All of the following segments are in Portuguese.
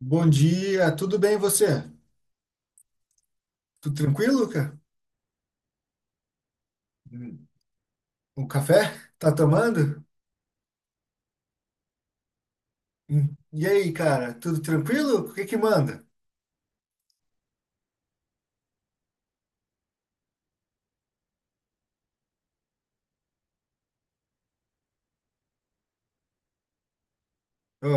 Bom dia, tudo bem e você? Tudo tranquilo, cara? O café? Tá tomando? Hum. E aí, cara, tudo tranquilo? O que que manda? Ó,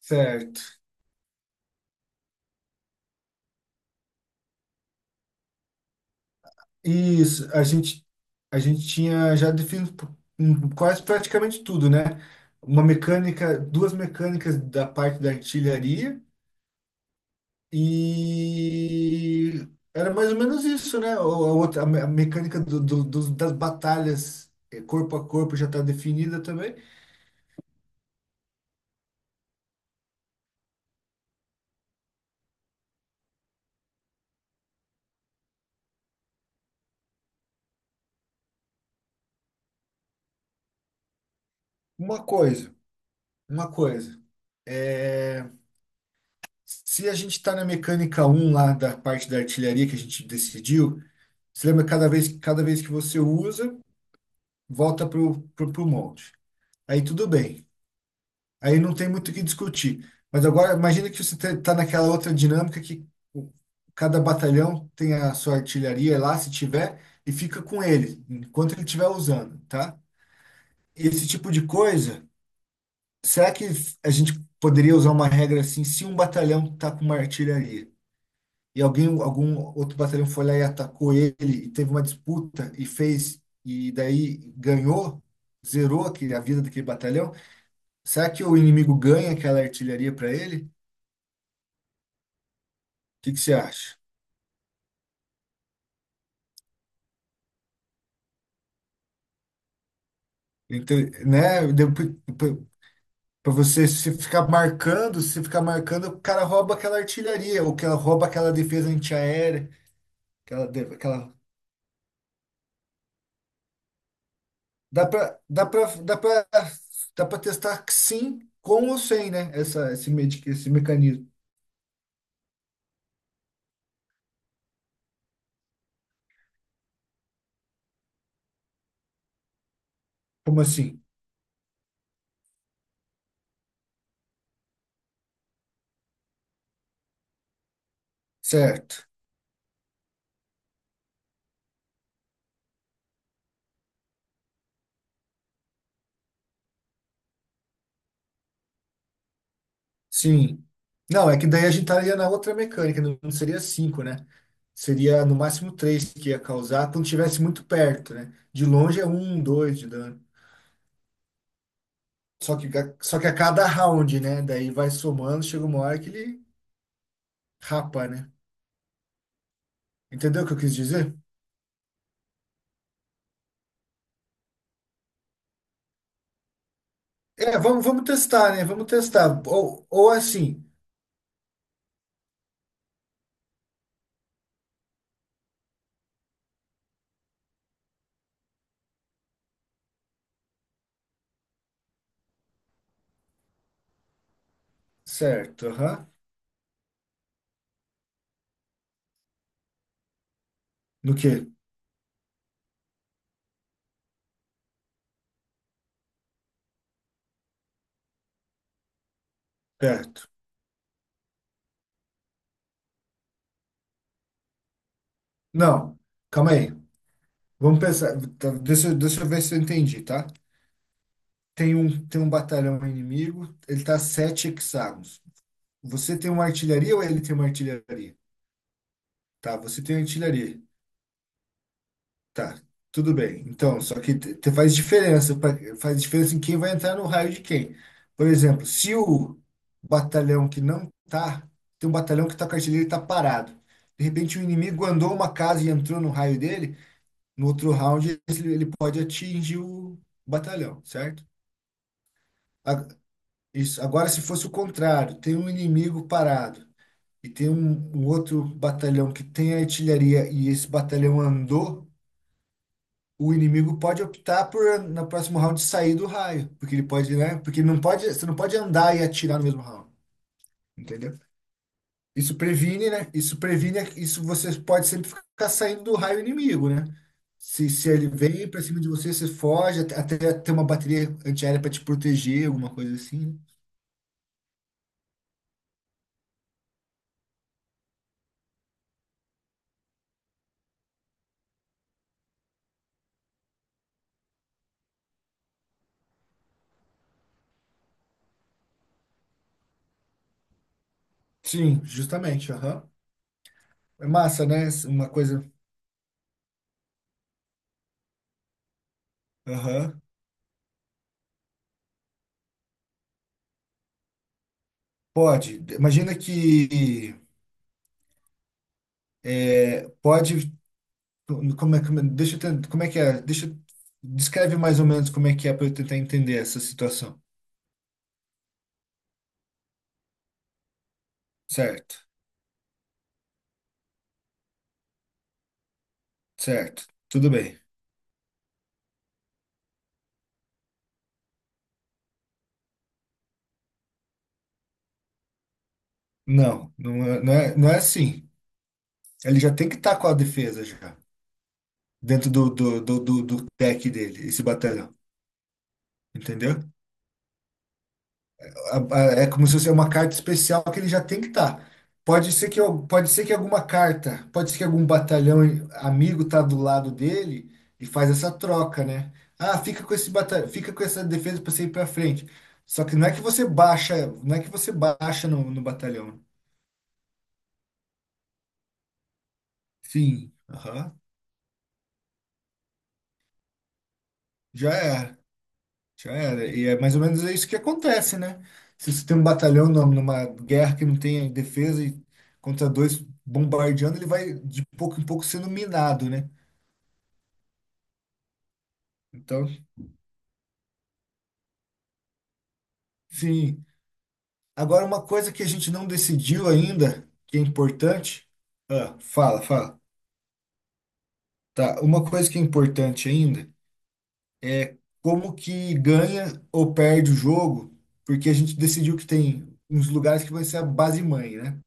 certo. Isso, a gente tinha já definido quase praticamente tudo, né? Uma mecânica, duas mecânicas da parte da artilharia e era mais ou menos isso, né? Ou a outra, a mecânica das batalhas corpo a corpo já está definida também. Uma coisa, uma coisa. É, se a gente está na mecânica um lá da parte da artilharia que a gente decidiu, você lembra que cada vez que você usa, volta para o monte. Aí tudo bem. Aí não tem muito o que discutir. Mas agora, imagina que você está naquela outra dinâmica que o- cada batalhão tem a sua artilharia lá, se tiver, e fica com ele, enquanto ele estiver usando, tá? Esse tipo de coisa. Será que a gente poderia usar uma regra assim, se um batalhão tá com uma artilharia e algum outro batalhão foi lá e atacou ele e teve uma disputa e fez e daí ganhou, zerou aquele, a vida daquele batalhão, será que o inimigo ganha aquela artilharia para ele? O que que você acha? Então, né, para você se ficar marcando, se ficar marcando, o cara rouba aquela artilharia ou que ela rouba aquela defesa antiaérea, aquela. Dá para dá para dá para dá para testar que sim com ou sem, né? Esse mecanismo. Como assim? Certo. Sim. Não, é que daí a gente estaria na outra mecânica, não seria cinco, né? Seria no máximo três que ia causar quando estivesse muito perto, né? De longe é um, dois de dano. Só que a cada round, né? Daí vai somando, chega uma hora que ele rapa, né? Entendeu o que eu quis dizer? É, vamos testar, né? Vamos testar. Ou assim. Certo, aham. No quê? Perto. Não, calma aí. Vamos pensar, tá. Deixa eu ver se eu entendi, tá? Tem um batalhão inimigo, ele tá a 7 hexágonos. Você tem uma artilharia ou ele tem uma artilharia? Tá, você tem artilharia. Tá, tudo bem. Então, só que te faz diferença, faz diferença em quem vai entrar no raio de quem. Por exemplo, se o batalhão que não tá, tem um batalhão que tá com a artilharia e tá parado. De repente, o inimigo andou uma casa e entrou no raio dele. No outro round, ele pode atingir o batalhão, certo? A- Isso. Agora, se fosse o contrário, tem um inimigo parado e tem um outro batalhão que tem artilharia e esse batalhão andou, o inimigo pode optar por, no próximo round, sair do raio, porque ele pode, né? Porque não pode, você não pode andar e atirar no mesmo round, entendeu? Isso previne, né? Isso previne, isso você pode sempre ficar saindo do raio inimigo, né? Se ele vem pra cima de você, você foge, até ter uma bateria antiaérea pra te proteger, alguma coisa assim, né? Sim, justamente, aham. É massa, né? Uma coisa. Aham. Pode. Imagina que pode. Como é que é? Descreve mais ou menos como é que é para eu tentar entender essa situação. Certo, certo. Tudo bem. Não, não é assim. Ele já tem que estar com a defesa já, dentro do deck dele, esse batalhão. Entendeu? A- É como se fosse uma carta especial que ele já tem que estar. Pode ser que alguma carta, pode ser que algum batalhão amigo tá do lado dele e faz essa troca, né? Ah, fica com esse batalhão, fica com essa defesa para você ir para frente. Só que não é que você baixa, não é que você baixa no batalhão. Sim, aham. Já é. Já era. E é mais ou menos isso que acontece, né? Se você tem um batalhão numa guerra que não tem defesa e contra dois bombardeando, ele vai de pouco em pouco sendo minado, né? Então, sim. Agora, uma coisa que a gente não decidiu ainda, que é importante. Ah, fala, fala. Tá, uma coisa que é importante ainda é como que ganha ou perde o jogo, porque a gente decidiu que tem uns lugares que vai ser a base mãe, né?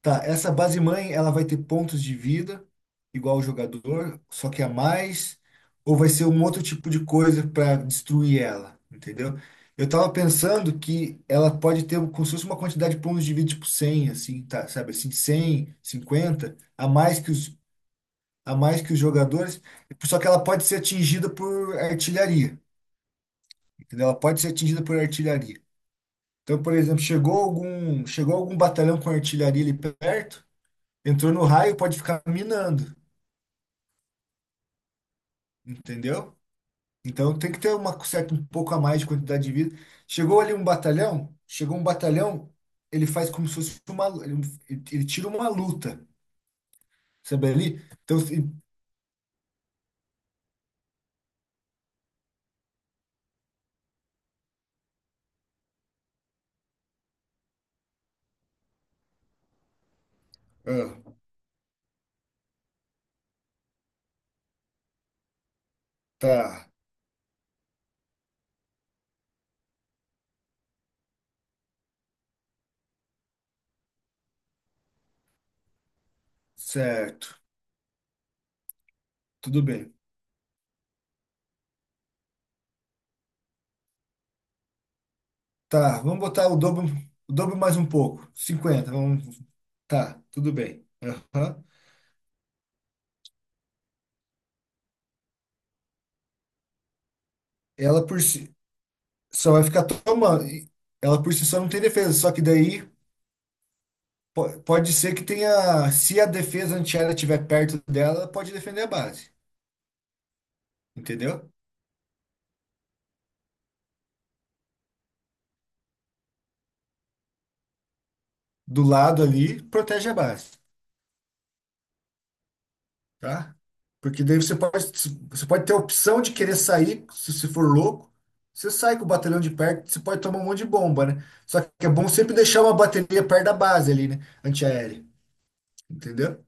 Tá, essa base mãe, ela vai ter pontos de vida, igual o jogador, só que a mais, ou vai ser um outro tipo de coisa para destruir ela, entendeu? Eu tava pensando que ela pode ter como se fosse uma quantidade de pontos de vida, tipo 100 assim, tá, sabe, assim, 100, 150 a mais que os jogadores, só que ela pode ser atingida por artilharia, entendeu? Ela pode ser atingida por artilharia. Então, por exemplo, chegou algum batalhão com artilharia ali perto. Entrou no raio, pode ficar minando, entendeu? Então tem que ter uma certa um pouco a mais de quantidade de vida. Chegou ali um batalhão, chegou um batalhão, ele faz como se fosse ele tira uma luta, sabe ali? Então ah, tá, certo, tudo bem. Tá, vamos botar o dobro mais um pouco, 50 vamos, tá, tudo bem. Aham. Ela por si só vai ficar tomando. Ela por si só não tem defesa, só que daí pode ser que tenha, se a defesa antiaérea estiver perto dela, ela pode defender a base, entendeu? Do lado ali, protege a base, tá? Porque daí você pode ter a opção de querer sair, se você for louco, você sai com o batalhão de perto, você pode tomar um monte de bomba, né? Só que é bom sempre deixar uma bateria perto da base ali, né? Antiaérea, entendeu?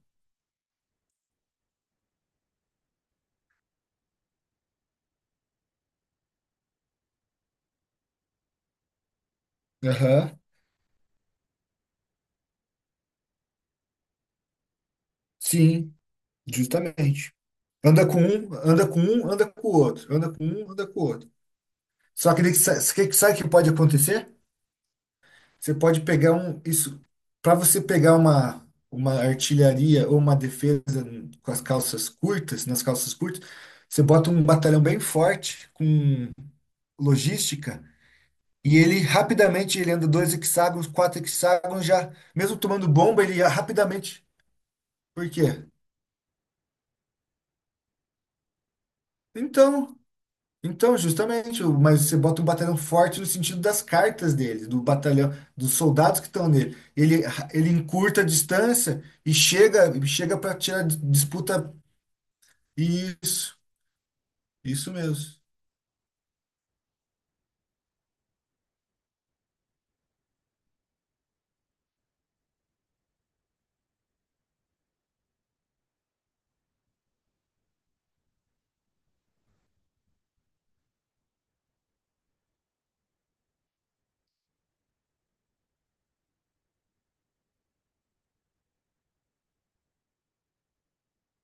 Aham, sim, justamente. Anda com um, anda com um, anda com o outro, anda com um, anda com o outro. Só que daí sabe o que que pode acontecer? Você pode pegar um, isso, para você pegar uma artilharia ou uma defesa com as calças curtas, nas calças curtas, você bota um batalhão bem forte com logística e ele rapidamente ele anda 2 hexágonos, 4 hexágonos já, mesmo tomando bomba, ele ia rapidamente. Por quê? Então, Então, justamente, mas você bota um batalhão forte no sentido das cartas dele, do batalhão, dos soldados que estão nele. Ele encurta a distância e chega para tirar disputa. Isso, isso mesmo.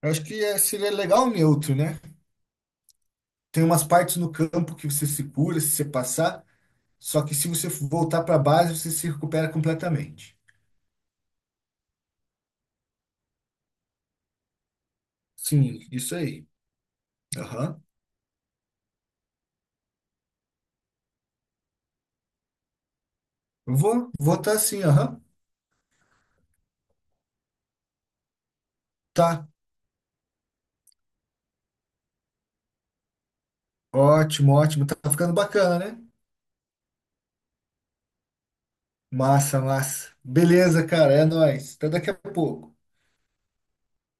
Eu acho que seria legal neutro, né? Tem umas partes no campo que você se cura se você passar, só que se você voltar para base, você se recupera completamente. Sim, isso aí. Aham. Vou tá assim, aham. Tá. Ótimo, ótimo. Tá ficando bacana, né? Massa, massa. Beleza, cara, é nóis. Até daqui a pouco.